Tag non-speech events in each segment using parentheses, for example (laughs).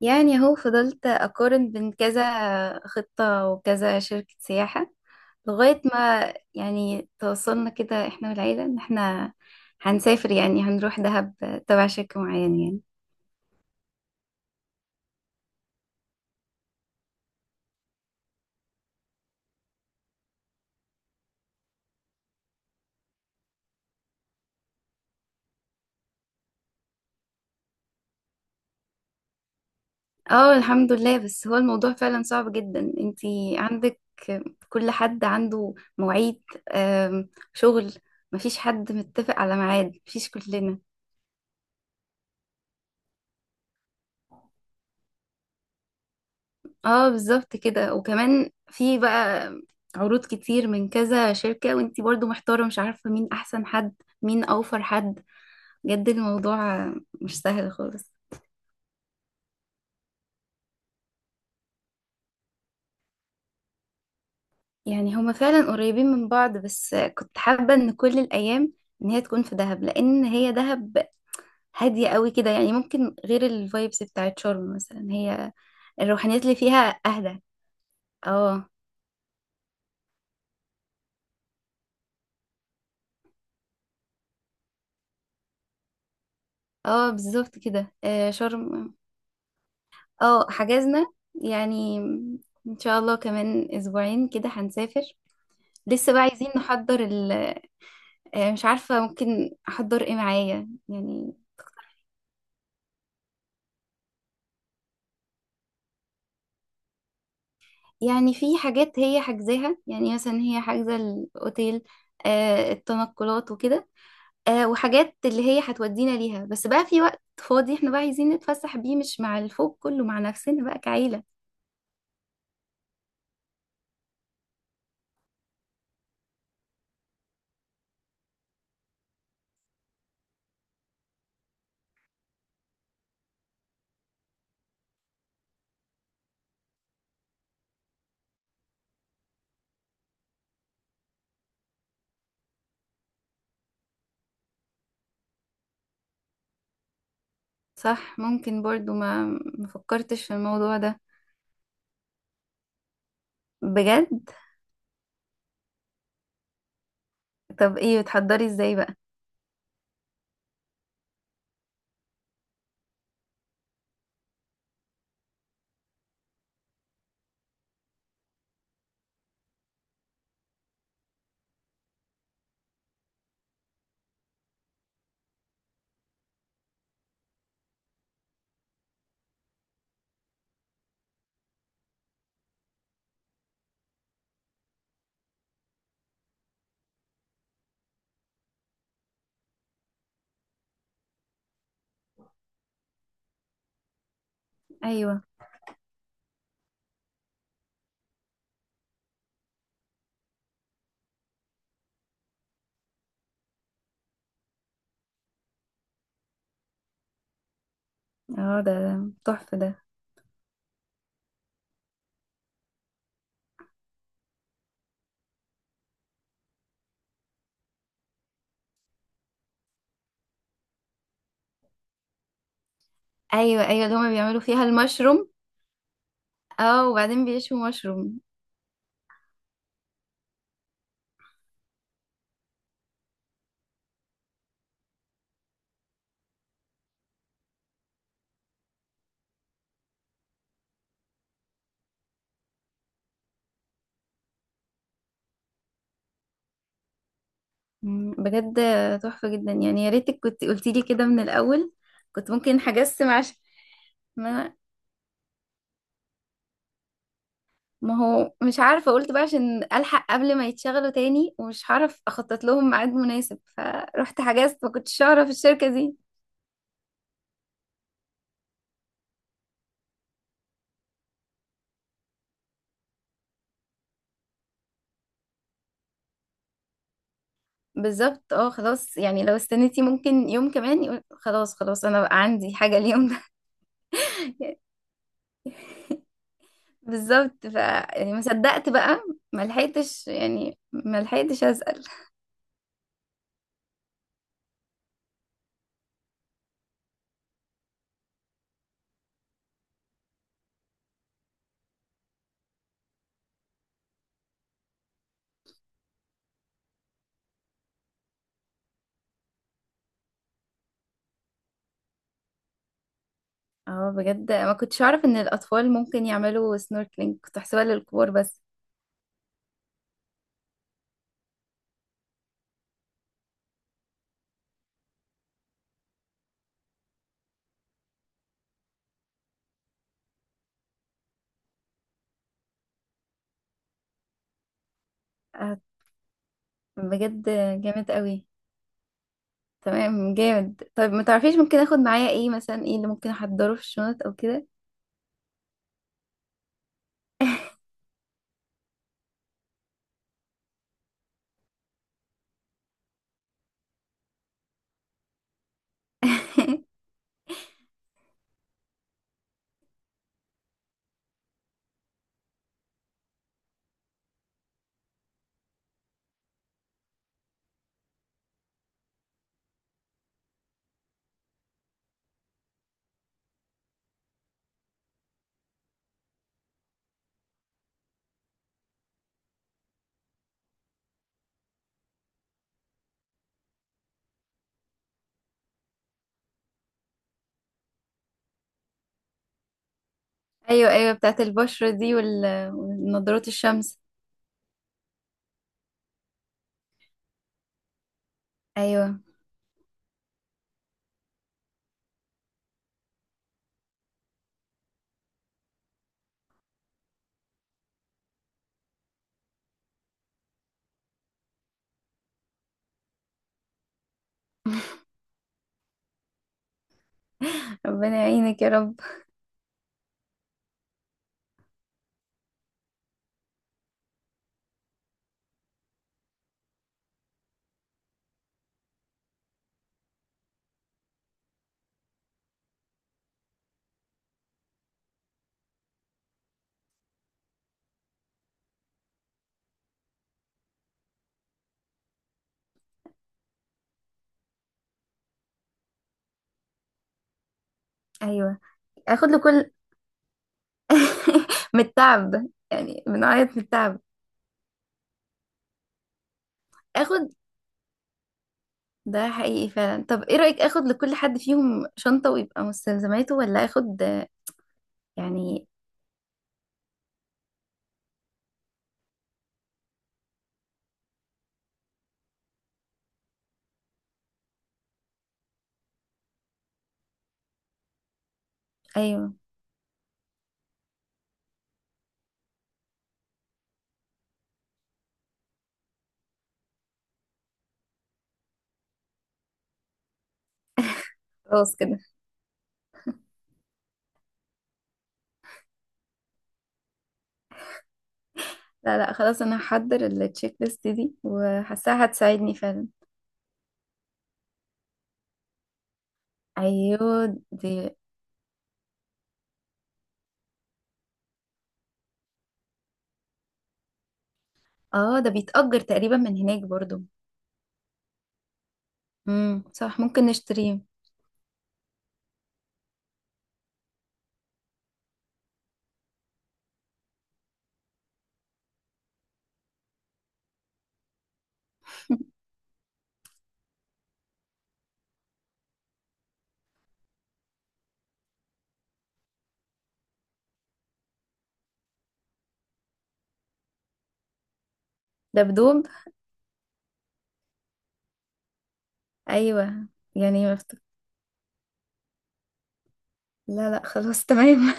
يعني هو فضلت أقارن بين كذا خطة وكذا شركة سياحة، لغاية ما يعني توصلنا كده احنا والعيلة ان احنا هنسافر يعني هنروح دهب تبع شركة معينة يعني. اه الحمد لله. بس هو الموضوع فعلا صعب جدا. انتي عندك كل حد عنده مواعيد، آم، شغل. مفيش حد متفق على ميعاد، مفيش كلنا. اه بالظبط كده. وكمان في بقى عروض كتير من كذا شركة، وانتي برضو محتارة مش عارفة مين احسن حد، مين اوفر حد. بجد الموضوع مش سهل خالص. يعني هما فعلا قريبين من بعض، بس كنت حابة ان كل الايام ان هي تكون في دهب، لان هي دهب هادية قوي كده يعني، ممكن غير الفايبس بتاعت شرم مثلا. هي الروحانيات اللي فيها اهدى. اه اه بالظبط كده. شرم. اه حجزنا يعني. ان شاء الله كمان 2 اسبوعين كده هنسافر. لسه بقى عايزين نحضر ال آه، مش عارفة ممكن احضر ايه معايا يعني. يعني في حاجات هي حاجزاها، يعني مثلا هي حاجزة الاوتيل، التنقلات وكده. وحاجات اللي هي هتودينا ليها، بس بقى في وقت فاضي احنا بقى عايزين نتفسح بيه، مش مع الفوق كله، مع نفسنا بقى كعيلة. صح. ممكن برضو ما فكرتش في الموضوع ده. بجد. طب ايه بتحضري ازاي بقى؟ ايوه. اه، ده تحفة ده. ايوه ايوه، اللي هما بيعملوا فيها المشروم. اه، وبعدين بيشوا مشروم. بجد تحفة جدا يعني. يا ريتك كنت قلتي لي كده من الاول. كنت ممكن هجسم عشان ما ما هو مش عارفة. قلت بقى عشان الحق قبل ما يتشغلوا تاني ومش هعرف اخطط لهم ميعاد مناسب، فرحت حجزت، ما كنتش اعرف الشركة دي. بالظبط. اه خلاص. يعني لو استنيتي ممكن يوم كمان يقول خلاص خلاص انا بقى عندي حاجة اليوم. ده بالظبط. يعني ما صدقت بقى. ما لحقتش، يعني ما لحقتش اسال. اه بجد، ما كنتش اعرف ان الاطفال ممكن يعملوا سنوركلينج، كنت احسبها للكبار بس. آه، بجد جامد قوي. تمام، جامد. طيب، ما تعرفيش ممكن اخد معايا ايه مثلا؟ ايه اللي ممكن احضره في الشنط او كده؟ (laughs) ايوه ايوه، بتاعت البشرة دي والنضارات الشمس. ايوه. ربنا يعينك يا رب. ايوه. اخد له كل (laughs) من التعب. يعني بنعيط من التعب. اخد ده حقيقي فعلا. طب ايه رأيك اخد لكل حد فيهم شنطة ويبقى مستلزماته، ولا اخد يعني؟ ايوه. خلاص كده. لا لا خلاص، انا هحضر التشيك ليست دي وحاساها هتساعدني فعلا. ايوه دي. اه، ده بيتأجر تقريبا من هناك برضو. صح ممكن نشتريه. (laughs) دبدوب. ايوه. يعني مفتوح. لا لا خلاص تمام.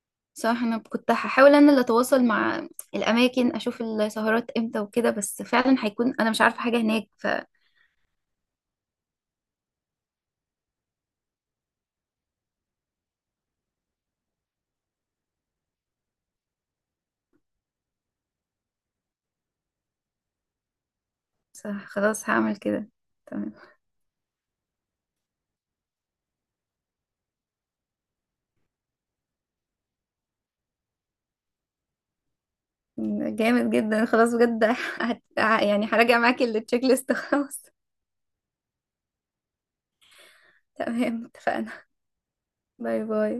(laughs) صح، انا كنت هحاول انا اللي اتواصل مع الاماكن، اشوف السهرات امتى وكده، بس فعلا هيكون انا مش عارفه حاجه هناك. صح خلاص هعمل كده. تمام. جامد جدا. خلاص بجد (laughs) هت... يعني هراجع معاكي التشيك ليست. خلاص تمام اتفقنا. باي باي.